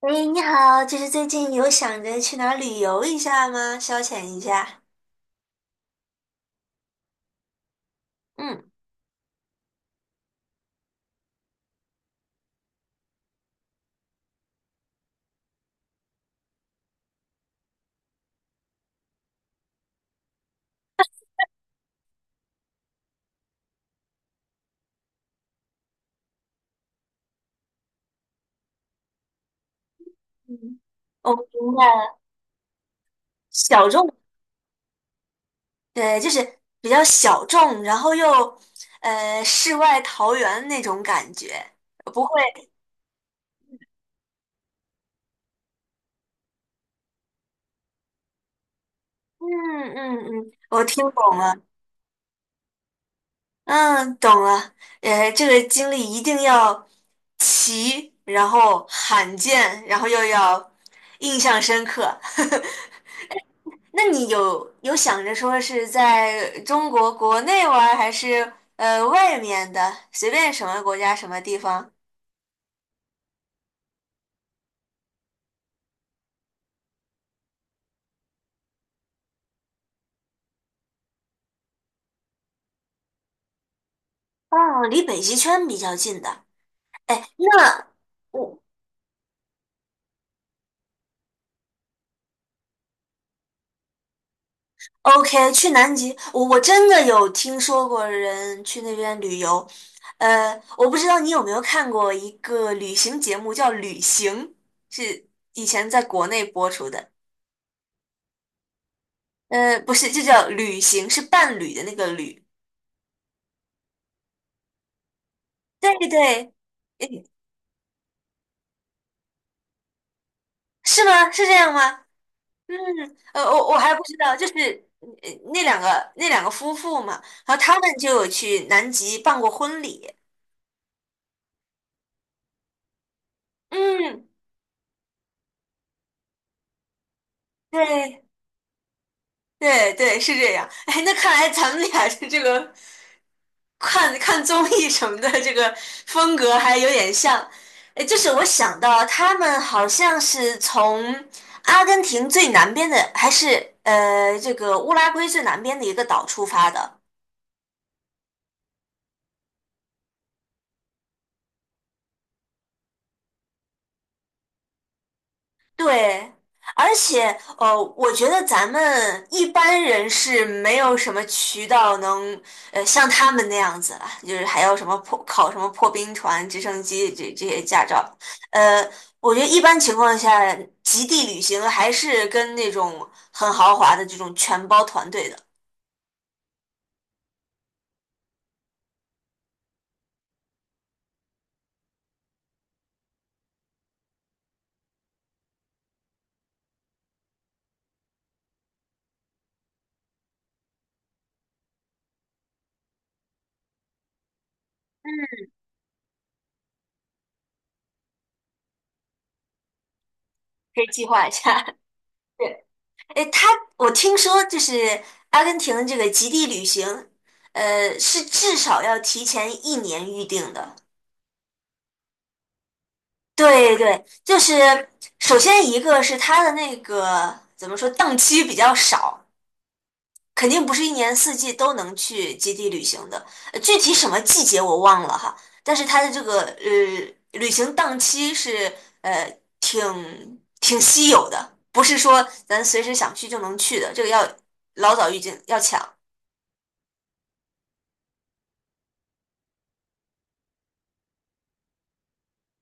哎，你好，就是最近有想着去哪儿旅游一下吗？消遣一下。嗯。嗯，我明白了，小众。对，就是比较小众，然后又世外桃源那种感觉，不会。嗯嗯嗯，我听懂了。嗯，懂了。这个经历一定要奇，然后罕见，然后又要印象深刻。那你有想着说是在中国国内玩儿还是外面的，随便什么国家什么地方？哦，离北极圈比较近的。哎，那我 OK 去南极，我真的有听说过人去那边旅游。我不知道你有没有看过一个旅行节目叫《旅行》，是以前在国内播出的。不是，就叫《旅行》，是伴侣的那个旅。对对。是吗？是这样吗？嗯。我还不知道，就是那两个夫妇嘛，然后他们就有去南极办过婚礼。嗯，对对对，是这样。哎，那看来咱们俩是这个看看综艺什么的这个风格还有点像。哎，就是我想到他们好像是从阿根廷最南边的，还是这个乌拉圭最南边的一个岛出发的。对，而且我觉得咱们一般人是没有什么渠道能像他们那样子了，就是还要什么破考什么破冰船、直升机这些驾照。呃，我觉得一般情况下，极地旅行还是跟那种很豪华的这种全包团队的。嗯，可以计划一下。对。哎，他我听说就是阿根廷的这个极地旅行，是至少要提前一年预定的。对对，就是首先一个是它的那个怎么说，档期比较少，肯定不是一年四季都能去基地旅行的。具体什么季节我忘了哈，但是它的这个旅行档期是挺稀有的，不是说咱随时想去就能去的，这个要老早预警，要抢。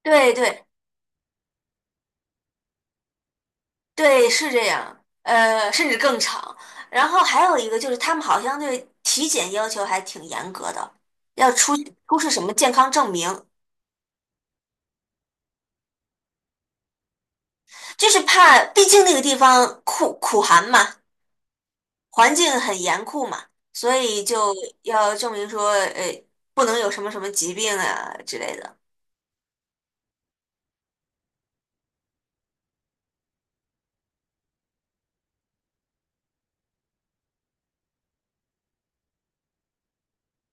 对对。对，是这样，甚至更长。然后还有一个就是，他们好像对体检要求还挺严格的，要出出示什么健康证明，就是怕，毕竟那个地方酷苦寒嘛，环境很严酷嘛，所以就要证明说，不能有什么什么疾病啊之类的。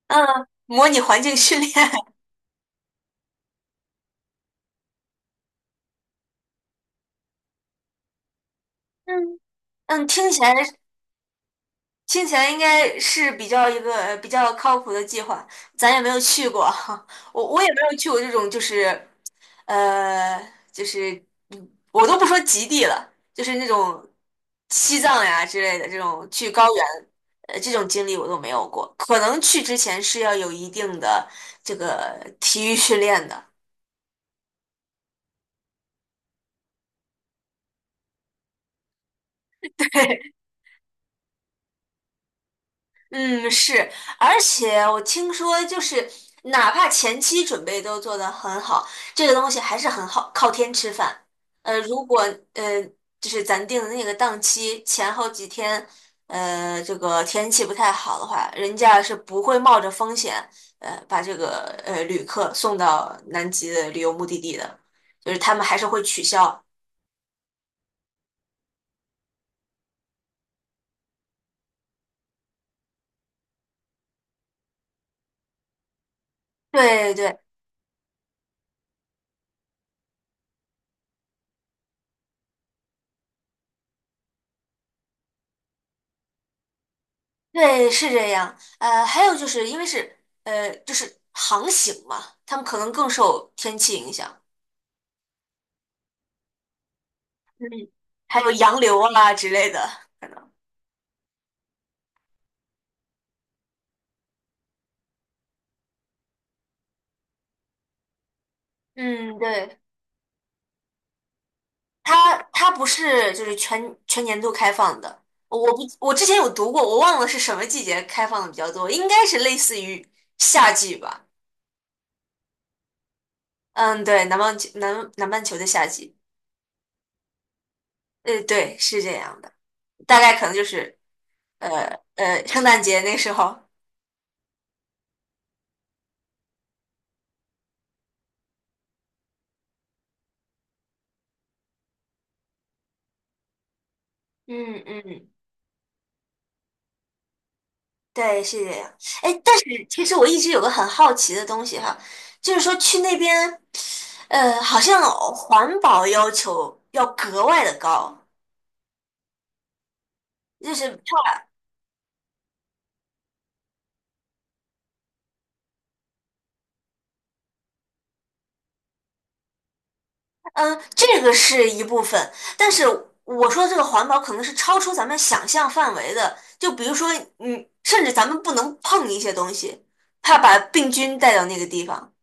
嗯，模拟环境训练。嗯嗯，听起来应该是比较一个比较靠谱的计划，咱也没有去过。我也没有去过这种就是呃就是嗯我都不说极地了，就是那种西藏呀之类的这种去高原，这种经历我都没有过，可能去之前是要有一定的这个体育训练的。嗯，是，而且我听说，就是哪怕前期准备都做得很好，这个东西还是很好，靠天吃饭。呃，如果呃，就是咱定的那个档期前后几天，这个天气不太好的话，人家是不会冒着风险，把这个旅客送到南极的旅游目的地的，就是他们还是会取消。对对。对，是这样。还有就是因为是就是航行嘛，他们可能更受天气影响，嗯，还有洋流啊之类的。可能。嗯，对，它不是就是全年度开放的。我不，我之前有读过，我忘了是什么季节开放的比较多，应该是类似于夏季吧。嗯，对，南半球的夏季，对，是这样的，大概可能就是圣诞节那时候。嗯嗯。对，是这样。哎，但是其实我一直有个很好奇的东西哈，就是说去那边，好像环保要求要格外的高，就是超，嗯，这个是一部分，但是我说这个环保可能是超出咱们想象范围的，就比如说，嗯，甚至咱们不能碰一些东西，怕把病菌带到那个地方，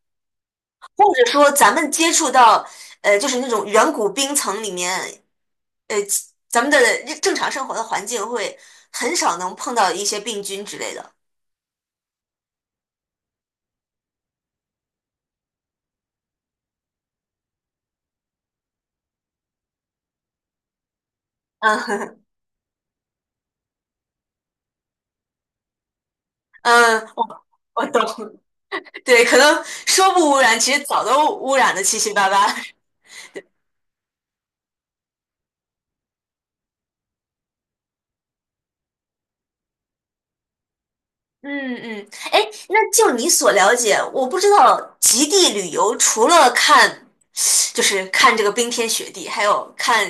或者说咱们接触到，就是那种远古冰层里面。呃，咱们的正常生活的环境会很少能碰到一些病菌之类的。嗯 嗯，我我懂。对，可能说不污染，其实早都污染的七七八八。嗯嗯，哎，那就你所了解，我不知道极地旅游除了看看这个冰天雪地，还有看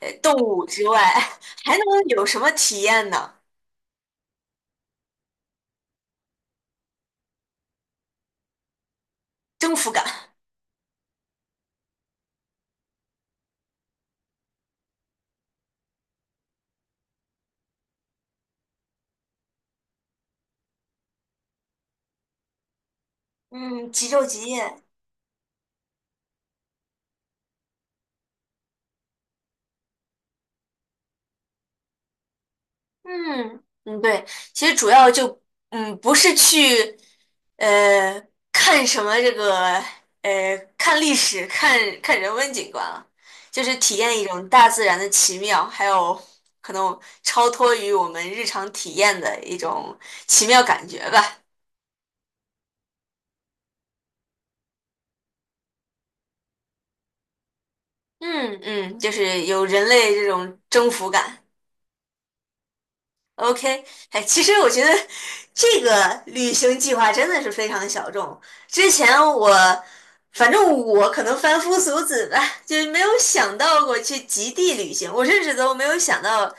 动物之外，还能有什么体验呢？征服感。嗯，极昼极夜。嗯嗯，对，其实主要就嗯不是去呃看什么这个看历史、看看人文景观了，就是体验一种大自然的奇妙，还有可能超脱于我们日常体验的一种奇妙感觉吧。嗯嗯，就是有人类这种征服感。OK，哎，其实我觉得这个旅行计划真的是非常小众。之前我，反正我可能凡夫俗子吧，就是没有想到过去极地旅行。我甚至都没有想到，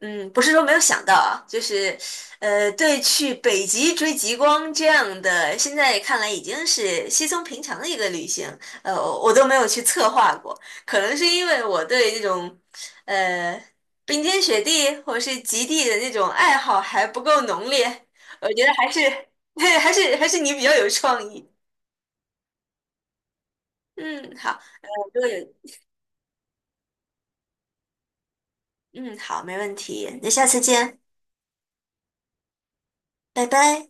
嗯，不是说没有想到啊，就是，对去北极追极光这样的，现在看来已经是稀松平常的一个旅行，呃，我都没有去策划过。可能是因为我对这种。呃，冰天雪地或者是极地的那种爱好还不够浓烈，我觉得对，还是你比较有创意。嗯，好，我就有，嗯，好，没问题，那下次见，拜拜。